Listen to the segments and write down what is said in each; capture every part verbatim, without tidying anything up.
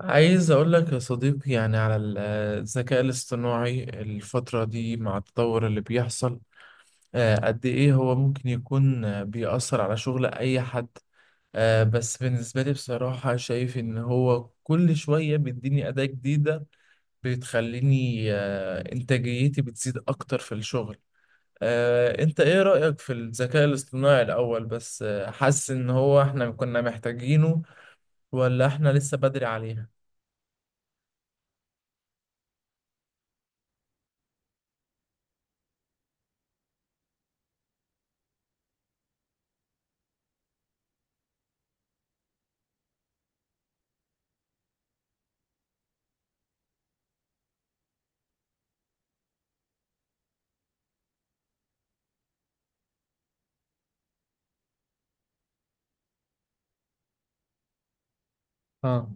عايز أقول لك يا صديقي، يعني على ال- آه، الذكاء الاصطناعي الفترة دي مع التطور اللي بيحصل. آه، قد إيه هو ممكن يكون آه، بيأثر على شغل أي حد؟ آه، بس بالنسبة لي بصراحة شايف إن هو كل شوية بيديني أداة جديدة بتخليني آه، إنتاجيتي بتزيد أكتر في الشغل. آه، أنت إيه رأيك في الذكاء الاصطناعي الأول؟ بس آه، حاسس إن هو إحنا كنا محتاجينه ولا إحنا لسه بدري عليها؟ اه.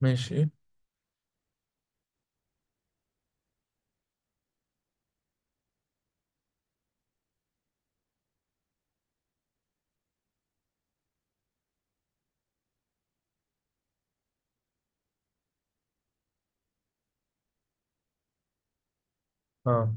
ماشي. اه.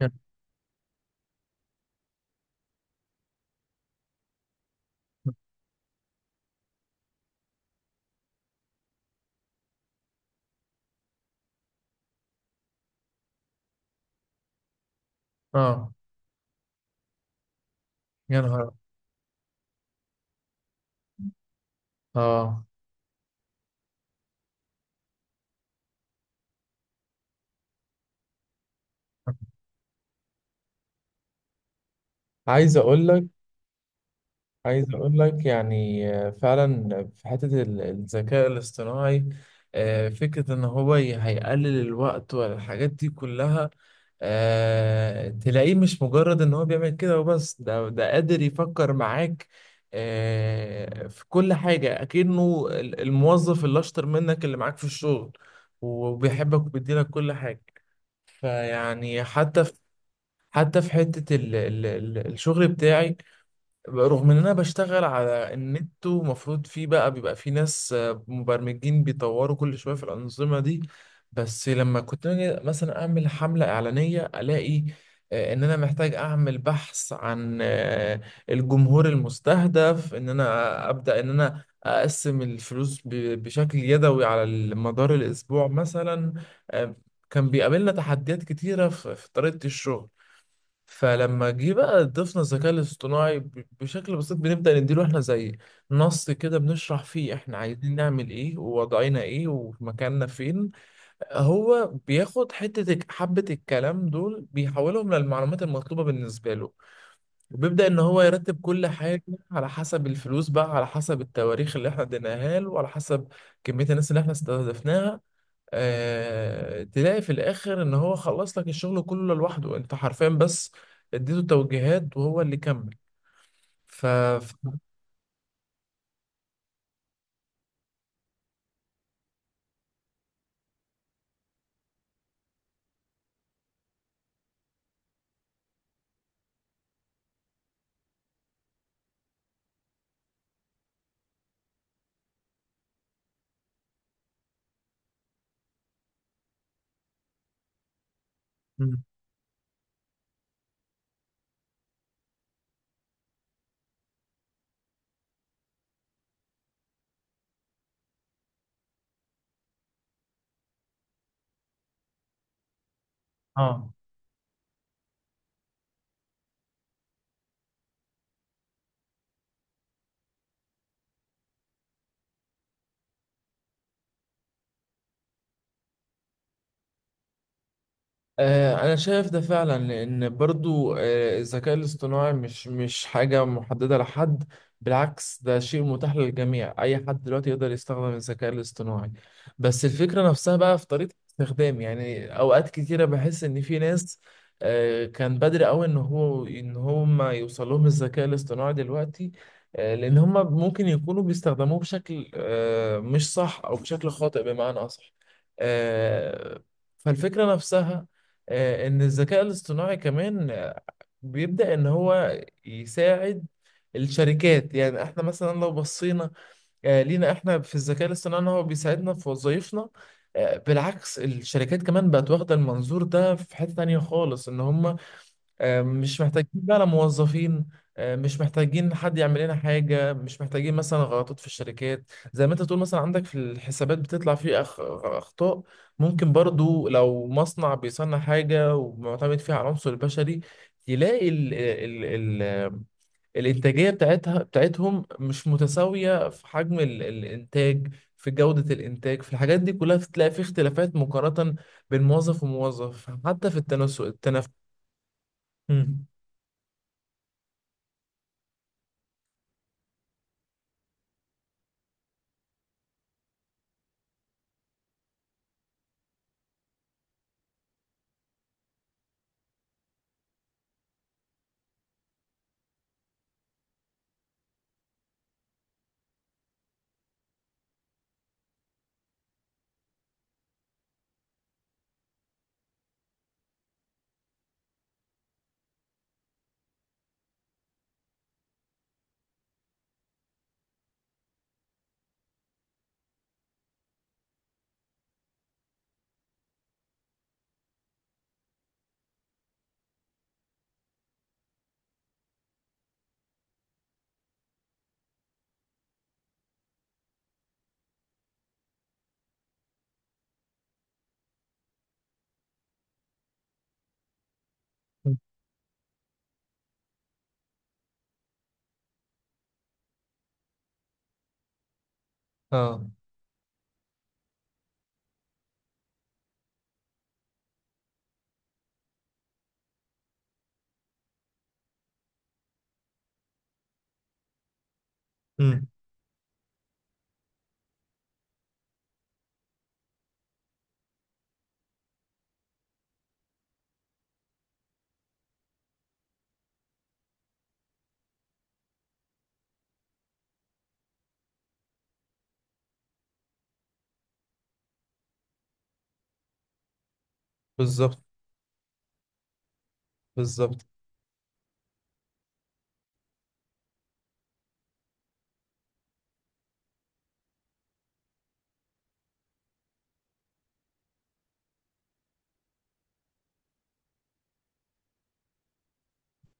يا- اه. يا نهار. اه. عايز اقول لك عايز اقول لك، يعني آه، فعلا في حتة ال- الذكاء الاصطناعي. آه، فكرة ان هو ي- هيقلل الوقت والحاجات دي كلها. آه، تلاقيه مش مجرد ان هو بيعمل كده وبس، ده ده قادر يفكر معاك آه، في كل حاجة، اكنه ال- الموظف اللي اشطر منك اللي معاك في الشغل، وبيحبك وبيديلك كل حاجة. فيعني حتى حتى في حتة ال ال ال الشغل بتاعي، رغم ان انا بشتغل على النت ومفروض فيه بقى بيبقى فيه ناس آه، مبرمجين بيطوروا كل شوية في الأنظمة دي. بس لما كنت أجي مثلا اعمل حملة إعلانية، الاقي آه، ان انا محتاج اعمل بحث عن آه، الجمهور المستهدف، ان انا ابدأ ان انا اقسم الفلوس ب- بشكل يدوي على مدار الاسبوع مثلا. آه، كان بيقابلنا تحديات كتيرة في في طريقة الشغل. فلما جه بقى ضفنا الذكاء الاصطناعي ب- بشكل بسيط، بنبدأ نديله احنا زي نص كده بنشرح فيه احنا عايزين نعمل ايه، ووضعنا ايه، ومكاننا فين. هو بياخد حتة الك- حبة الكلام دول، بيحولهم للمعلومات المطلوبة بالنسبة له، وبيبدأ ان هو يرتب كل حاجة على حسب الفلوس بقى، على حسب التواريخ اللي احنا اديناها له، وعلى حسب كمية الناس اللي احنا استهدفناها. آه، تلاقي في الاخر ان هو خلص لك الشغل كله لوحده، انت حرفيا بس اديته توجيهات وهو اللي كمل. ف ف- مم. اه. آه، انا شايف ده فعلا، لان برضو آه، الذكاء الاصطناعي مش مش حاجة محددة لحد، بالعكس ده شيء متاح للجميع، اي حد دلوقتي يقدر يستخدم الذكاء الاصطناعي. بس الفكرة نفسها بقى في طريقة استخدام، يعني اوقات كتيرة بحس ان في ناس آه، كان بدري قوي ان هو ان هم يوصل لهم الذكاء الاصطناعي دلوقتي، آه، لان هم ممكن يكونوا بيستخدموه بشكل آه، مش صح او بشكل خاطئ بمعنى اصح. آه، فالفكرة نفسها آه، ان الذكاء الاصطناعي كمان آه، بيبدأ ان هو يساعد الشركات. يعني احنا مثلا لو بصينا آه، لينا احنا في الذكاء الاصطناعي ان هو بيساعدنا في وظائفنا، آه، بالعكس الشركات كمان بقت واخدة المنظور ده في حتة تانية خالص، ان هم آه، مش محتاجين بقى لا موظفين، آه، مش محتاجين حد يعمل لنا حاجة. مش محتاجين مثلا غلطات في الشركات زي ما انت تقول، مثلا عندك في الحسابات بتطلع فيه أخ... أخطاء. ممكن برضو لو مصنع بيصنع حاجة ومعتمد فيها على العنصر البشري، يلاقي ال... ال... ال... ال- الإنتاجية بتاعتها بتاعتهم مش متساوية في حجم ال... الإنتاج، في جودة الإنتاج، في الحاجات دي كلها بتلاقي في اختلافات مقارنة بين موظف وموظف، حتى في التنس... التنفس. مم. اه. امم. بالظبط. بالظبط.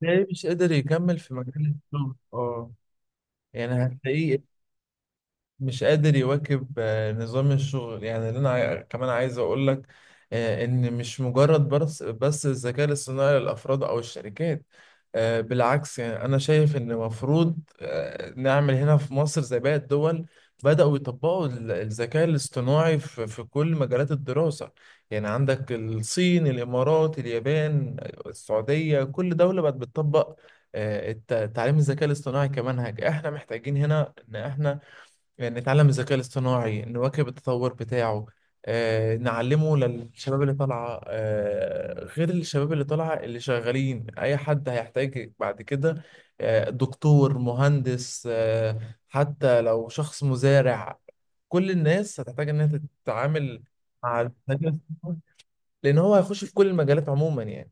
تلاقيه مش قادر يكمل في مجال الشغل، اه. يعني هتلاقيه مش قادر يواكب آه، نظام الشغل. يعني اللي انا عاي- كمان عايز اقول لك آه، ان مش مجرد بس بس الذكاء الاصطناعي للافراد او الشركات. آه، بالعكس يعني انا شايف ان المفروض آه، نعمل هنا في مصر زي باقي الدول، بدأوا يطبقوا ال- الذكاء الاصطناعي في في كل مجالات الدراسة. يعني عندك الصين، الامارات، اليابان، السعودية، كل دولة بقت بتطبق آه، الت- تعليم الذكاء الاصطناعي كمنهج. احنا محتاجين هنا ان احنا يعني نتعلم الذكاء الاصطناعي، نواكب التطور بتاعه، آه، نعلمه للشباب اللي طالعة. آه، غير الشباب اللي طالعة، اللي شغالين أي حد هيحتاج بعد كده آه، دكتور، مهندس، آه، حتى لو شخص مزارع، كل الناس هتحتاج إنها تتعامل مع الذكاء الاصطناعي، لأن هو هيخش في كل المجالات عموما يعني.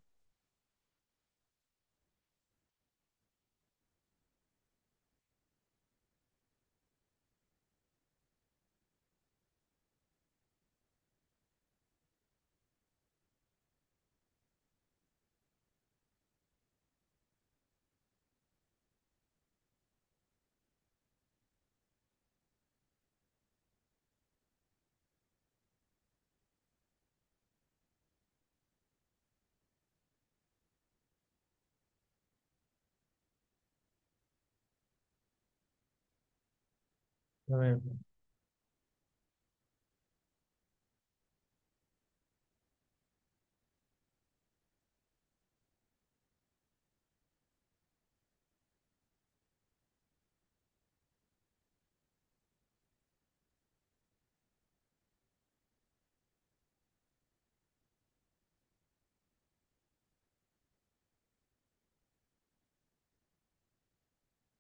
تمام.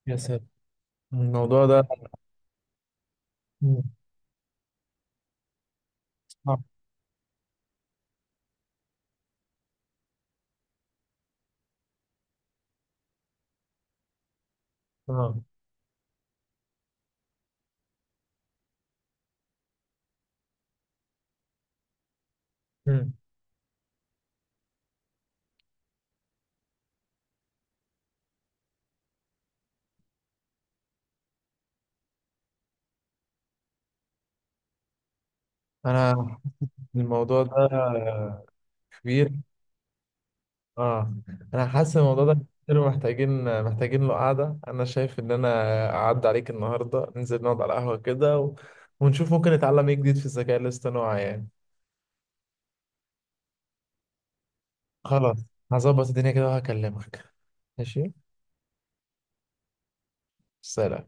يا ساتر. الموضوع ده. مم. صعب. آه. مم. أنا. الموضوع ده كبير. اه. انا حاسس إن الموضوع ده كتير، محتاجين محتاجين له قعده. انا شايف ان انا اعدي عليك النهارده، ننزل نقعد على القهوه كده، و... ونشوف ممكن نتعلم ايه جديد في الذكاء الاصطناعي يعني. خلاص. هظبط الدنيا كده وهكلمك. ماشي. سلام.